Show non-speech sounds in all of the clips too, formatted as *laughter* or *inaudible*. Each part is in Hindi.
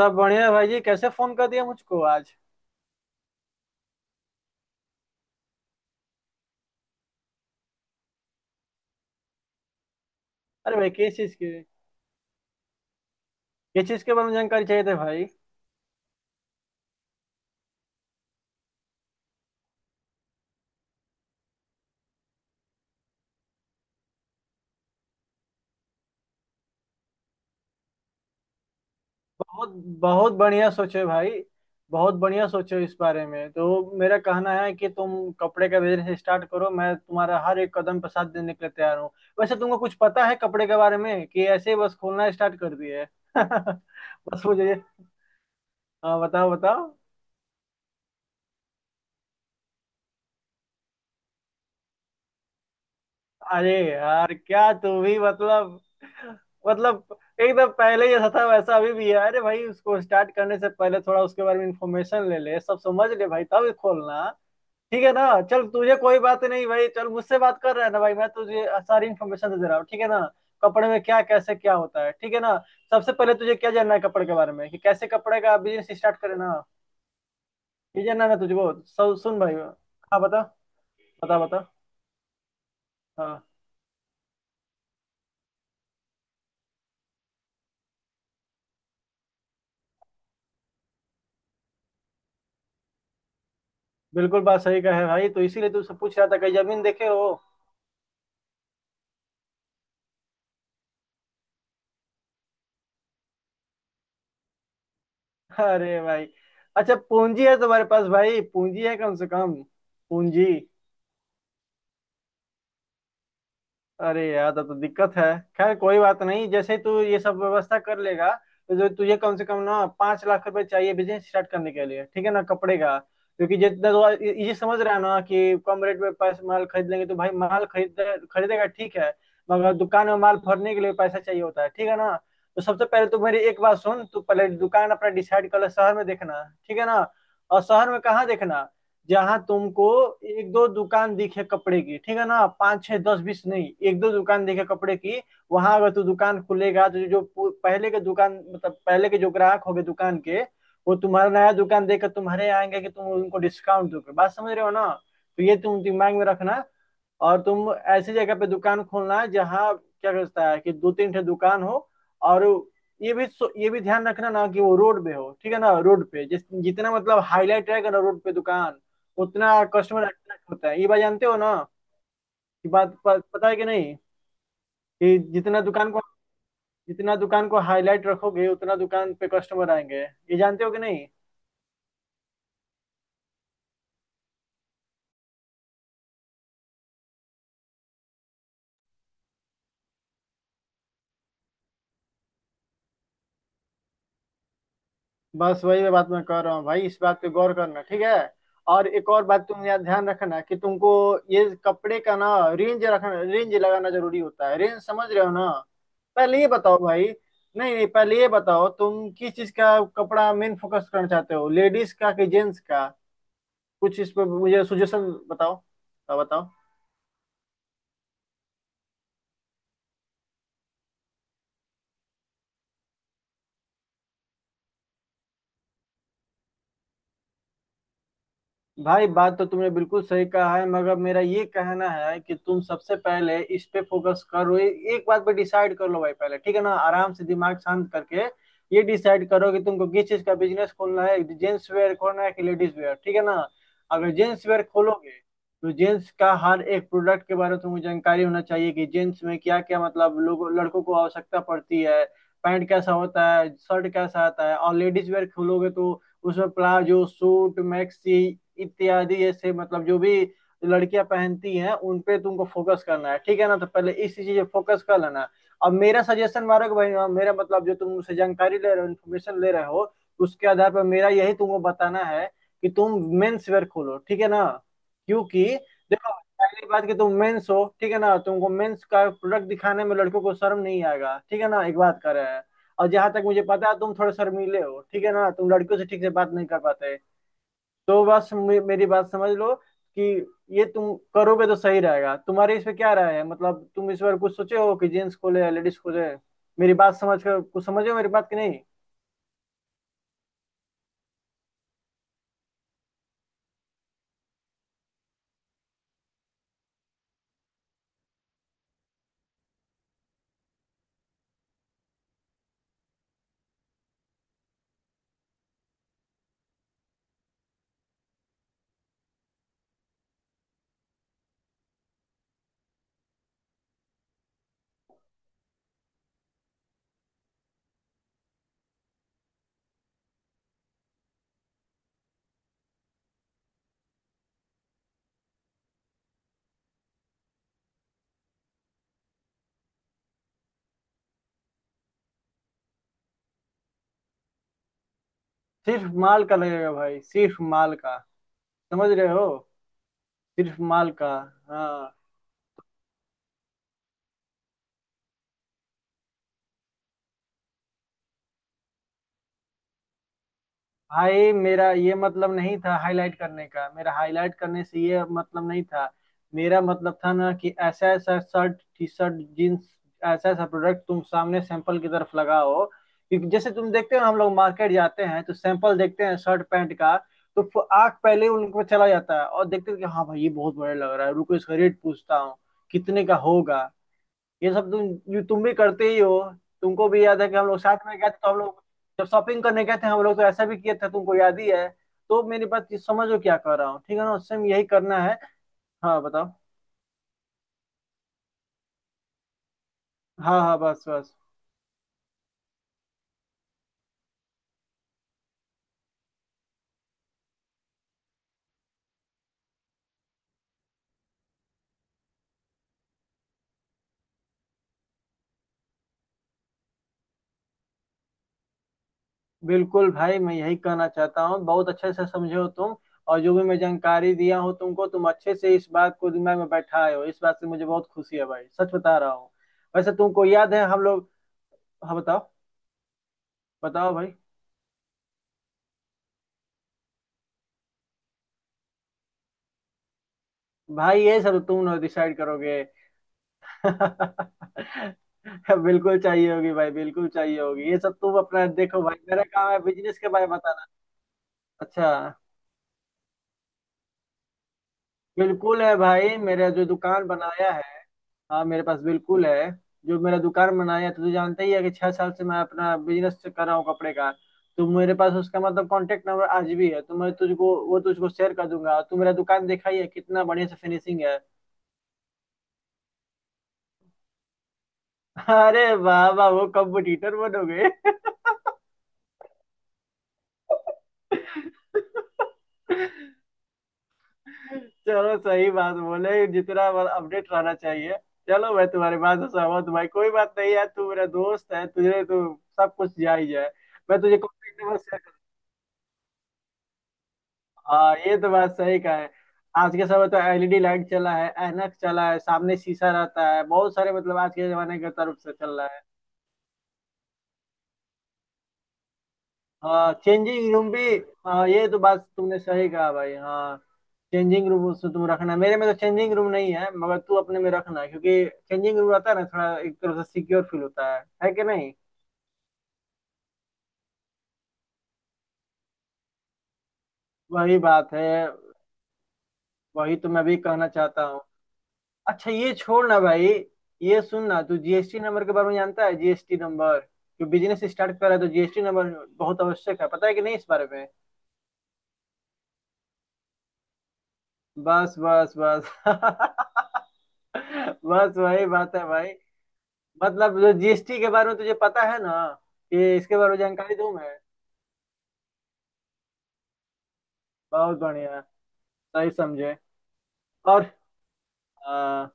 सब बढ़िया है भाई जी। कैसे फोन कर दिया मुझको आज? अरे भाई किस चीज के बारे में जानकारी चाहिए थी भाई? बहुत बहुत बढ़िया सोचे भाई। बहुत बढ़िया सोचो। इस बारे में तो मेरा कहना है कि तुम कपड़े का बिजनेस स्टार्ट करो। मैं तुम्हारा हर एक कदम पर साथ देने के लिए तैयार हूँ। वैसे तुमको कुछ पता है कपड़े के बारे में, कि ऐसे ही बस खोलना स्टार्ट कर दिए? *laughs* बस मुझे हाँ बताओ बताओ। अरे यार क्या तू भी मतलब, मतलब एकदम पहले जैसा था वैसा अभी भी है। अरे भाई उसको स्टार्ट करने से पहले थोड़ा उसके बारे में इंफॉर्मेशन ले ले, सब समझ ले भाई, तब ही खोलना, ठीक है ना? चल तुझे कोई बात नहीं भाई, चल मुझसे बात कर रहा है ना भाई, मैं तुझे सारी इन्फॉर्मेशन दे दे रहा हूँ, ठीक है ना? कपड़े में क्या कैसे क्या होता है, ठीक है ना? सबसे पहले तुझे क्या जानना है कपड़े के बारे में, कि कैसे कपड़े का बिजनेस स्टार्ट करे ना? ये जानना है ना तुझको, सब सुन भाई। हाँ बता बता। बता। हाँ, बिल्कुल बात सही कहा है भाई, तो इसीलिए तुमसे पूछ रहा था कहीं जमीन देखे हो? अरे भाई, अच्छा पूंजी है तुम्हारे पास भाई? पूंजी है कम से कम? पूंजी? अरे यार तब तो दिक्कत है। खैर कोई बात नहीं, जैसे तू ये सब व्यवस्था कर लेगा तो जो तुझे कम से कम ना 5 लाख रुपए चाहिए बिजनेस स्टार्ट करने के लिए, ठीक है ना, कपड़े का? क्योंकि जितना तो ये समझ रहा है ना कि कम रेट में पैसे माल खरीद लेंगे, तो भाई माल खरीदेगा ठीक है। मगर दुकान में माल भरने के लिए पैसा चाहिए होता है, ठीक है ना? तो सबसे पहले तो मेरी एक बात सुन, तू पहले दुकान अपना डिसाइड कर ले शहर में देखना, ठीक है ना? और शहर में कहाँ देखना? जहां तुमको एक दो दुकान दिखे कपड़े की, ठीक है ना, पाँच छह दस बीस नहीं, एक दो दुकान दिखे कपड़े की। वहां अगर तू दुकान खुलेगा तो जो पहले के दुकान, मतलब पहले के जो ग्राहक होंगे दुकान के, वो तुम्हारा नया दुकान देखकर तुम्हारे यहाँ आएंगे कि तुम उनको डिस्काउंट दोगे। बात समझ रहे हो ना? तो ये तुम दिमाग में रखना। और तुम ऐसी जगह पे दुकान खोलना जहाँ क्या कहता है कि दो तीन ठे दुकान हो। और ये भी ध्यान रखना ना, कि वो रोड पे हो, ठीक है ना? रोड पे जिस जितना मतलब हाईलाइट रहेगा ना रोड पे दुकान, उतना कस्टमर अट्रैक्ट होता है। ये बात जानते हो ना? कि बात पता है कि नहीं कि जितना दुकान को हाईलाइट रखोगे उतना दुकान पे कस्टमर आएंगे, ये जानते हो कि नहीं? बस वही मैं बात मैं कह रहा हूँ भाई, इस बात पे गौर करना ठीक है। और एक और बात तुम यहाँ ध्यान रखना कि तुमको ये कपड़े का ना, रेंज रखना, रेंज लगाना जरूरी होता है, रेंज समझ रहे हो ना? पहले ये बताओ भाई, नहीं नहीं पहले ये बताओ, तुम किस चीज का कपड़ा मेन फोकस करना चाहते हो? लेडीज का कि जेंट्स का? कुछ इस पर मुझे सुजेशन बताओ, आप बताओ। भाई बात तो तुमने बिल्कुल सही कहा है, मगर मेरा ये कहना है कि तुम सबसे पहले इस पे फोकस करो। एक बात पे डिसाइड कर लो भाई पहले, ठीक है ना, आराम से दिमाग शांत करके। ये डिसाइड करो कि तुमको किस चीज का बिजनेस खोलना है, जेंट्स वेयर खोलना है कि लेडीज वेयर, ठीक है ना? अगर जेंट्स वेयर खोलोगे तो जेंट्स का हर एक प्रोडक्ट के बारे में तुमको जानकारी होना चाहिए, कि जेंट्स में क्या क्या मतलब लोगों लड़कों को आवश्यकता पड़ती है। पैंट कैसा होता है, शर्ट कैसा आता है। और लेडीज वेयर खोलोगे तो उसमें प्लाजो, सूट, मैक्सी इत्यादि, ऐसे मतलब जो भी लड़कियां पहनती हैं उन पे तुमको फोकस करना है, ठीक है ना? तो पहले इस चीज पे फोकस कर लेना। अब मेरा सजेशन मारो कि भाई, हाँ, मेरा मतलब जो तुम मुझसे जानकारी ले रहे हो, इन्फॉर्मेशन ले रहे हो, उसके आधार पर मेरा यही तुमको बताना है कि तुम मेंस वेयर खोलो, ठीक है ना? क्योंकि देखो, पहली बात कि तुम मेंस हो, ठीक है ना, तुमको मेंस का प्रोडक्ट दिखाने में लड़कों को शर्म नहीं आएगा, ठीक है ना, एक बात कर रहे हैं। और जहां तक मुझे पता है तुम थोड़े शर्मीले हो, ठीक है ना, तुम लड़कियों से ठीक से बात नहीं कर पाते। तो बस मेरी बात समझ लो कि ये तुम करोगे तो सही रहेगा। तुम्हारी इस पे क्या राय है? मतलब तुम इस बार कुछ सोचे हो कि जेंट्स खोले या लेडीज खोले? मेरी बात समझ कर कुछ समझे हो मेरी बात की नहीं? सिर्फ माल का लगेगा भाई, सिर्फ माल का। समझ रहे हो? सिर्फ माल का। हाँ भाई, मेरा ये मतलब नहीं था हाईलाइट करने का, मेरा हाईलाइट करने से ये मतलब नहीं था। मेरा मतलब था ना, कि ऐसा ऐसा शर्ट, टी शर्ट, जीन्स, ऐसा ऐसा प्रोडक्ट तुम सामने सैंपल की तरफ लगाओ, क्योंकि जैसे तुम देखते हो हम लोग मार्केट जाते हैं तो सैंपल देखते हैं शर्ट पैंट का। तो आंख पहले उन पे चला जाता है और देखते हैं कि हाँ भाई ये बहुत बड़ा लग रहा है, रुको इसका रेट पूछता हूँ कितने का होगा। ये सब तुम, ये तुम भी करते ही हो। तुमको भी याद है कि हम लोग साथ में गए थे तो हम लोग जब शॉपिंग करने गए थे हम लोग, तो ऐसा भी किए थे, तुमको याद ही है। तो मेरी बात ये समझो क्या कर रहा हूँ, ठीक है ना, सेम यही करना है। हाँ बताओ। हाँ हाँ, बस बस। बिल्कुल भाई मैं यही कहना चाहता हूँ, बहुत अच्छे से समझे हो तुम। और जो भी मैं जानकारी दिया हूँ तुमको, तुम अच्छे से इस बात को दिमाग में बैठाए हो, इस बात से मुझे बहुत खुशी है भाई, सच बता रहा हूँ। वैसे तुमको याद है हम लोग? हाँ बताओ बताओ भाई भाई, ये सब तुम लोग डिसाइड करोगे। *laughs* बिल्कुल चाहिए होगी भाई, बिल्कुल चाहिए होगी, ये सब तुम अपना देखो भाई, मेरा काम है बिजनेस के बारे में बताना। अच्छा, बिल्कुल है भाई, मेरा जो दुकान बनाया है, हाँ मेरे पास बिल्कुल है। जो मेरा दुकान बनाया है तो तू जानता ही है कि 6 साल से मैं अपना बिजनेस कर रहा हूँ कपड़े का। तो मेरे पास उसका मतलब कांटेक्ट नंबर आज भी है, तो मैं तुझको वो तुझको शेयर कर दूंगा। तू मेरा दुकान देखा ही है, कितना बढ़िया से फिनिशिंग है। *laughs* अरे वाह वाह, वो कंपटीटर बनोगे। *laughs* चलो सही बात बोले, जितना अपडेट रहना चाहिए। चलो मैं तुम्हारी बात से सहमत हूँ भाई, कोई बात नहीं है, तू मेरा दोस्त है, तुझे तो सब कुछ जा ही जाए। मैं तुझे कॉन्टेक्ट नंबर शेयर करूँ? हाँ ये तो बात सही कहा है। आज के समय तो एलईडी लाइट चला है, ऐनक चला है, सामने शीशा रहता है, बहुत सारे मतलब आज के जमाने के तरफ से चल रहा है। हाँ चेंजिंग रूम भी। हाँ ये तो बात तुमने सही कहा भाई हाँ। चेंजिंग रूम उसमें तुम रखना, मेरे में तो चेंजिंग रूम नहीं है मगर तू अपने में रखना, क्योंकि चेंजिंग रूम रहता है ना, थोड़ा एक तरह से सिक्योर फील होता है कि नहीं? वही बात है, वही तो मैं भी कहना चाहता हूँ। अच्छा ये छोड़ ना भाई, ये सुन ना, तू जीएसटी नंबर के बारे में जानता है? जीएसटी नंबर जो बिजनेस स्टार्ट कर रहा है तो जीएसटी नंबर बहुत आवश्यक है, पता है कि नहीं इस बारे में? बस बस बस। *laughs* बस वही बात है भाई। मतलब जो जीएसटी के बारे में तुझे पता है ना, कि इसके बारे में जानकारी दूं मैं? बहुत बढ़िया, सही समझे। और आ,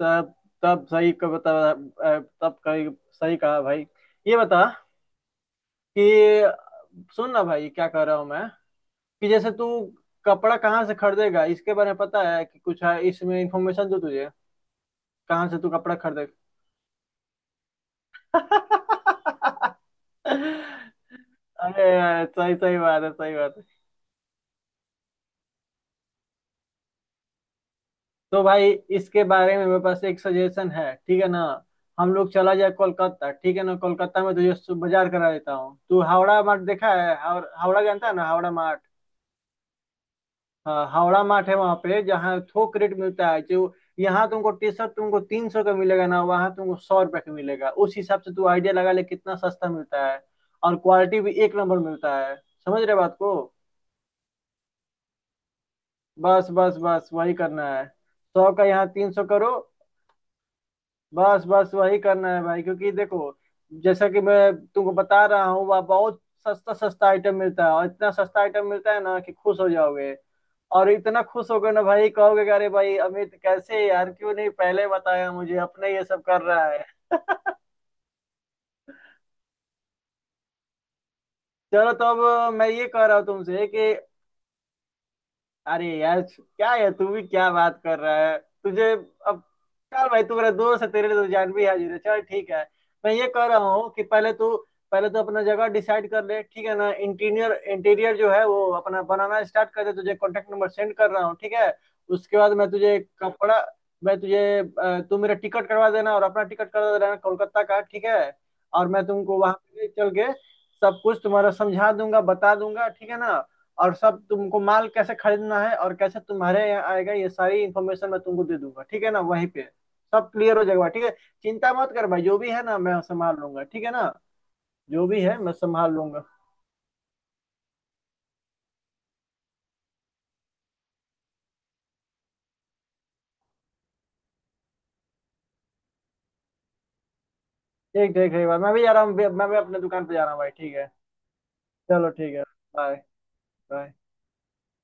तब तब सही का बता। तब कही सही कहा भाई। ये बता कि, सुन ना भाई क्या कह रहा हूँ मैं, कि जैसे तू कपड़ा कहाँ से खरीदेगा इसके बारे में पता है कि कुछ है? इसमें इंफॉर्मेशन दो तुझे कहाँ से तू कपड़ा खरीदेगा। *laughs* अरे यार, सही सही बात है, सही बात। तो भाई इसके बारे में मेरे पास एक सजेशन है, ठीक है ना? हम लोग चला जाए कोलकाता, ठीक है ना, कोलकाता में तुझे बाजार करा देता हूँ। तू हावड़ा मार्ट देखा है, हावड़ा जानता है ना, हावड़ा मार्ट? हाँ हावड़ा मार्ट है वहाँ पे जहाँ थोक रेट मिलता है, जो यहाँ तुमको टी शर्ट तुमको 300 का मिलेगा ना, वहाँ तुमको 100 रुपये का मिलेगा। उस हिसाब से तू आइडिया लगा ले कितना सस्ता मिलता है। और क्वालिटी भी एक नंबर मिलता है, समझ रहे बात को? बस बस बस वही करना है, 100 का यहाँ 300 करो। बस बस वही करना है भाई, क्योंकि देखो जैसा कि मैं तुमको बता रहा हूँ वह बहुत सस्ता सस्ता आइटम मिलता है, और इतना सस्ता आइटम मिलता है ना कि खुश हो जाओगे। और इतना खुश होगे ना भाई, कहोगे कि अरे भाई अमित कैसे यार, क्यों नहीं पहले बताया मुझे अपने ये सब कर रहा है। *laughs* चलो तो अब मैं ये कह रहा हूँ तुमसे कि अरे यार क्या है तू भी, क्या बात कर रहा है तुझे अब? चल भाई तू मेरा दोस्त है, तेरे लिए तो जान भी हाजिर है, चल ठीक है। मैं ये कह रहा हूँ कि पहले तो अपना जगह डिसाइड कर ले, ठीक है ना? इंटीरियर इंटीरियर जो है वो अपना बनाना स्टार्ट कर दे, तुझे कॉन्टेक्ट नंबर सेंड कर रहा हूँ ठीक है? उसके बाद मैं तुझे कपड़ा, तू मेरा टिकट करवा देना और अपना टिकट करवा देना कोलकाता का, ठीक है? और मैं तुमको वहां पे ले चल के सब कुछ तुम्हारा समझा दूंगा बता दूंगा, ठीक है ना? और सब तुमको माल कैसे खरीदना है और कैसे तुम्हारे यहाँ आएगा ये सारी इन्फॉर्मेशन मैं तुमको दे दूंगा, ठीक है ना, वहीं पे? सब क्लियर हो जाएगा, ठीक है। चिंता मत कर भाई, जो भी है ना मैं संभाल लूंगा, ठीक है ना? जो भी है मैं संभाल लूंगा। ठीक ठीक ठीक भाई, मैं भी जा रहा हूँ, मैं भी अपने दुकान पे जा रहा हूँ भाई, ठीक है? चलो ठीक है। Bye bye.